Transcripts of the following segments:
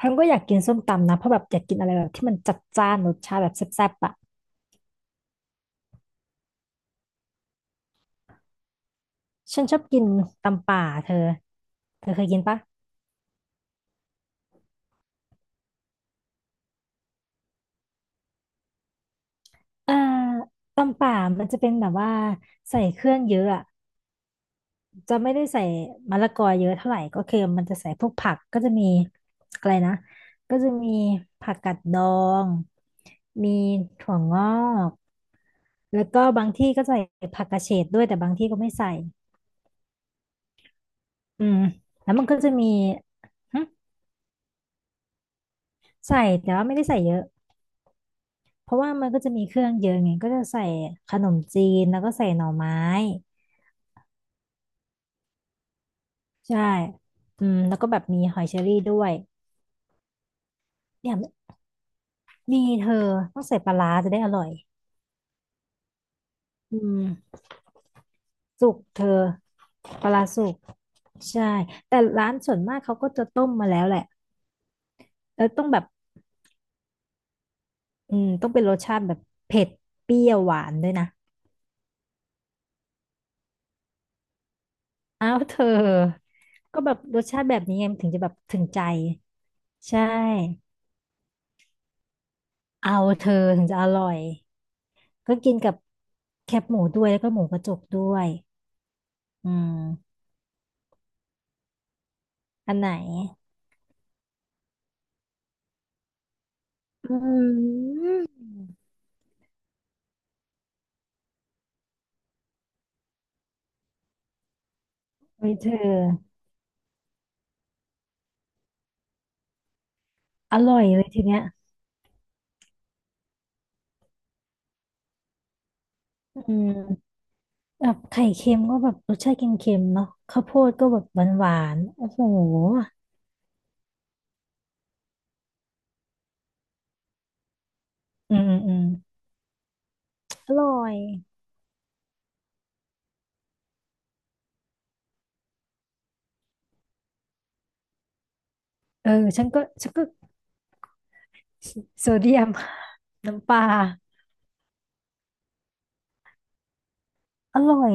ฉันก็อยากกินส้มตำนะเพราะแบบอยากกินอะไรแบบที่มันจัดจ้านรสชาติแบบแซ่บๆอ่ะฉันชอบกินตำป่าเธอเธอเคยกินปะเอ่อตำป่ามันจะเป็นแบบว่าใส่เครื่องเยอะอ่ะจะไม่ได้ใส่มะละกอเยอะเท่าไหร่ก็คือมันจะใส่พวกผักก็จะมีอะไรนะก็จะมีผักกาดดองมีถั่วงอกแล้วก็บางที่ก็ใส่ผักกระเฉดด้วยแต่บางที่ก็ไม่ใส่อืมแล้วมันก็จะมีหึ ใส่แต่ว่าไม่ได้ใส่เยอะเพราะว่ามันก็จะมีเครื่องเยอะไงก็จะใส่ขนมจีนแล้วก็ใส่หน่อไม้ใช่อืมแล้วก็แบบมีหอยเชอรี่ด้วยเนี่ยมีเธอต้องใส่ปลาร้าจะได้อร่อยอืมสุกเธอปลาร้าสุกใช่แต่ร้านส่วนมากเขาก็จะต้มมาแล้วแหละแล้วต้องแบบอืมต้องเป็นรสชาติแบบเผ็ดเปรี้ยวหวานด้วยนะอ้าวเธอก็แบบรสชาติแบบนี้ไงถึงจะแบบถึงใจใช่เอาเธอถึงจะอร่อย ก็กินกับแคบหมูด้วยแล้วก็หมูกระจกด้วยอืมอันไหนอืมเฮ้ยเธออร่อยเลยทีเนี้ยอืมแบบไข่เค็มก็แบบรสชาติเค็มๆเนาะข้าวโพดก็แบบหวานๆโอ้โหอืมอืมอืมอร่อย เออฉันก็โซเดียม น้ำปลาอร่อย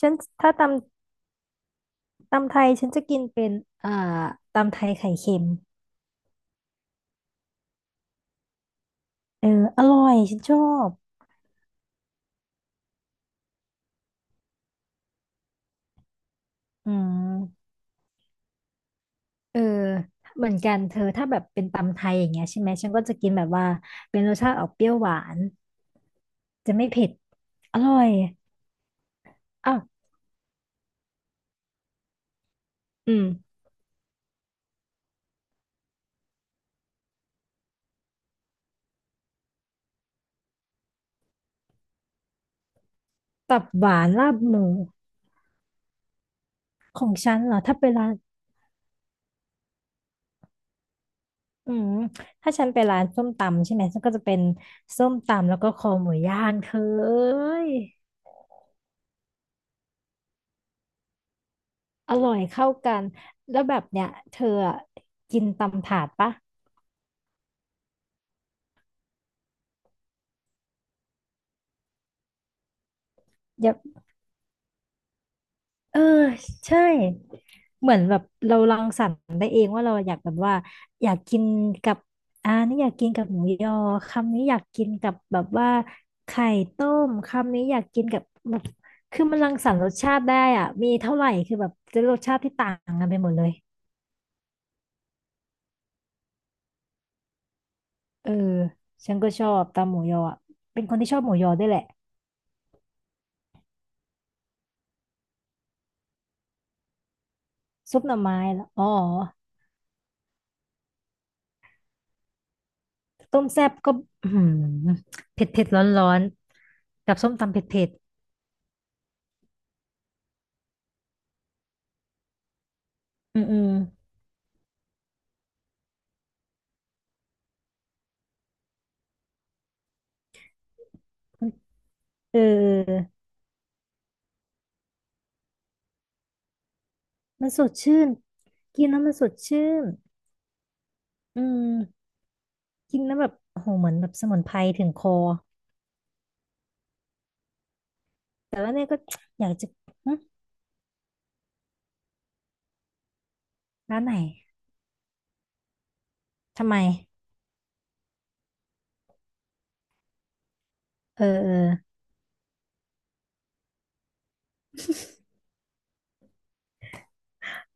ฉันถ้าตำไทยฉันจะกินเป็นอ่าตำไทยไข่เค็มเอออร่อย ฉันชอบอืม เออเหมือนกันเธอถ้าแบบเป็นตำไทยอย่างเงี้ยใช่ไหมฉันก็จะกินแบบว่าเป็นรสชาติออกเปรี้ยวหวานจะไม่เผ็ดอร่อยอ้าวอืมตับหวานลาบหมูของฉันเหรอถ้าไปร้านอืมถ้าฉันไปร้านส้มตำใช่ไหมฉันก็จะเป็นส้มตำแล้วก็คอหมูย่างเธอเอ้ยอร่อยเข้ากันแล้วแบบเนี้ยเธออะกินตำถาดปะอย่า เออใช่เหมือนแบบเรารังสรรค์ได้เองว่าเราอยากแบบว่าอยากกินกับอ่านี่อยากกินกับหมูยอคำนี้อยากกินกับแบบว่าไข่ต้มคำนี้อยากกินกับแบบคือมันรังสรรค์รสชาติได้อ่ะมีเท่าไหร่คือแบบจะรสชาติที่ต่างกันไปหมดเลยเออฉันก็ชอบตำหมูยออะเป็นคนที่ชอบหมูยอด้วยแหละซุปหน่อไม้แล้วอ๋อต้มแซ่บก็อื้อหือเผ็ดเผ็ดร้อนร้อนๆกับส้มตำเผ็ดเผ็ดอืมอืม เออมันสดชื่น กินแล้วมันสดชื่น อืม กินแล้วแบบโอ้โหเหมือนแบบสมุนไพรถึงคอแต่ว่าเนี่ยก็ อยากจะหึร้านไหนทำไมเออเออ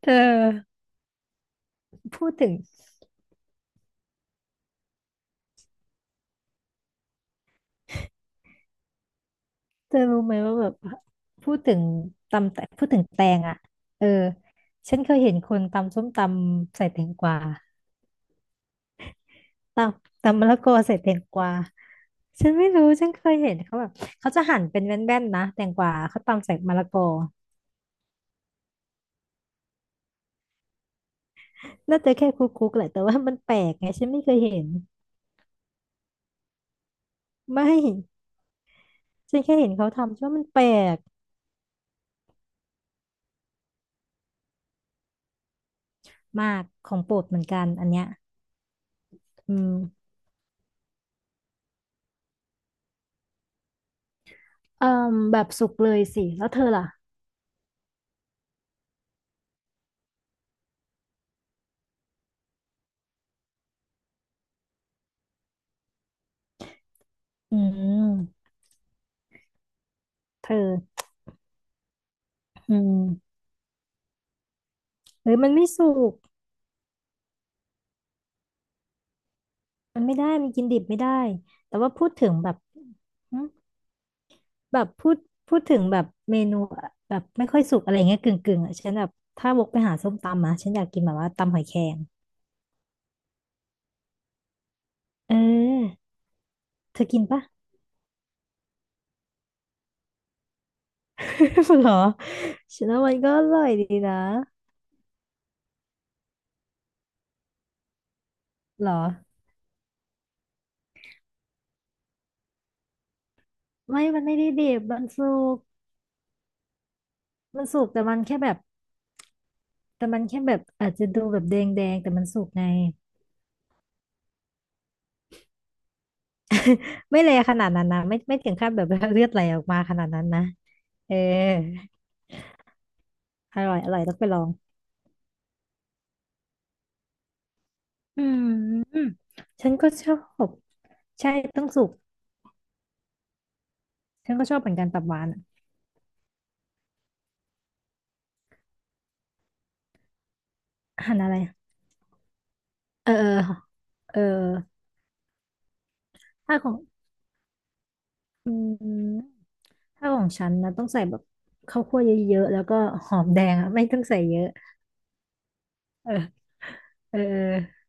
เธอพูดถึงเธอรู้ไหมว่าแบบพูดถึงตำแตพูดถึงแตงอ่ะเออฉันเคยเห็นคนตำส้มตำใส่แตงกวาตำมะละกอใส่แตงกวาฉันไม่รู้ฉันเคยเห็นเขาแบบเขาจะหั่นเป็นแว่นๆนะแตงกวาเขาตำใส่มะละกอ น่าจะแค่คุกคุกแหละแต่ว่ามันแปลกไงฉันไม่เคยเห็นไม่ฉันแค่เห็นเขาทำฉันว่ามันแปลกมากของโปรดเหมือนกันอันเนี้ยอืมเอ่มแบบสุกเลยสิแล้วเธอล่ะอืมเธออืมเฮ้ยมันไม่สุกมันไม่ได้มันกินดิบไม่ได้แต่ว่าพูดถึงแบบหึแบบพูดถึงแบบเมนูอะแบบไม่ค่อยสุกอะไรเงี้ยกึ่งกึ่งอ่ะฉันแบบถ้าวกไปหาส้มตำอ่ะฉันอยากกินแบบว่าตำหอยแครงเออเธอกินปะ เหรอฉันว่ามันก็อร่อยดีนะเหรอไม่มันไม่ได้ดิบมันสุกมันสุกแต่มันแค่แบบแต่มันแค่แบบอาจจะดูแบบแดงแดงแต่มันสุกไงไม่เลยขนาดนั้นนะไม่ไม่ถึงขั้นแบบเลือดไหลออกมาขนาดนั้นนะเอออร่อยอร่อยต้องไปลองอืมฉันก็ชอบใช่ต้องสุกฉันก็ชอบเหมือนกันตับหวานอะอาหารอะไรเออเออเออถ้าของอืม ถ้าของฉันนะต้องใส่แบบข้าวคั่วเยอะๆแล้วก็หอมแดงอ่ะไม่ต้องใส่เยอะเออเออเออ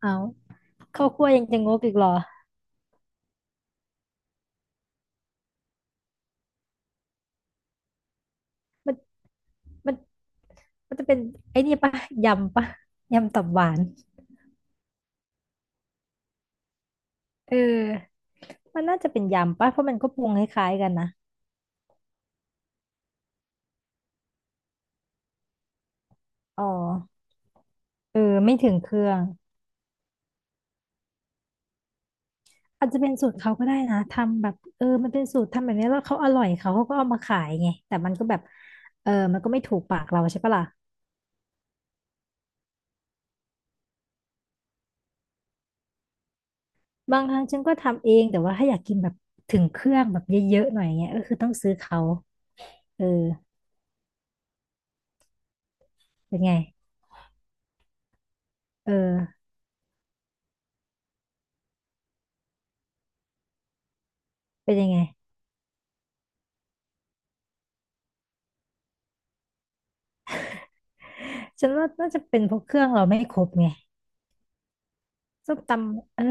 เอาข้าวคั่วยังจะงกอีกเหรอมันมันมันจะเป็นไอ้นี่ปะยำปะยำตับหวานเออมันน่าจะเป็นยำปะเพราะมันก็ปรุงคล้ายๆกันนะอ๋อเออไม่ถึงเครื่องอาจจะเป็นสูตรเขาก็ได้นะทำแบบเออมันเป็นสูตรทำแบบนี้แล้วเขาอร่อยเขาก็เอามาขายไงแต่มันก็แบบเออมันก็ไม่ถูกปากเราใช่ปะล่ะ บางครั้งฉันก็ทำเองแต่ว่าถ้าอยากกินแบบถึงเครื่องแบบเยอะๆหน่อยเงี้ยก็คือต้องซื้อเขาเออเป็นไงเออเป็นยังไง ฉันว่าน่าจะเป็นเพวกเครื่องเราไม่ครบไงส้มตำเออ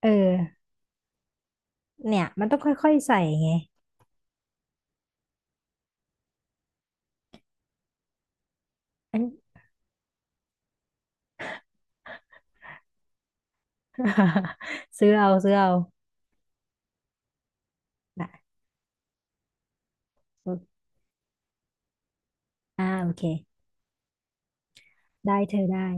เออเนี่ยมันต้องค่อยๆใส่ไงอัน ซื้อเอาซื้อเอานะอ่าโอเคได้เธอได้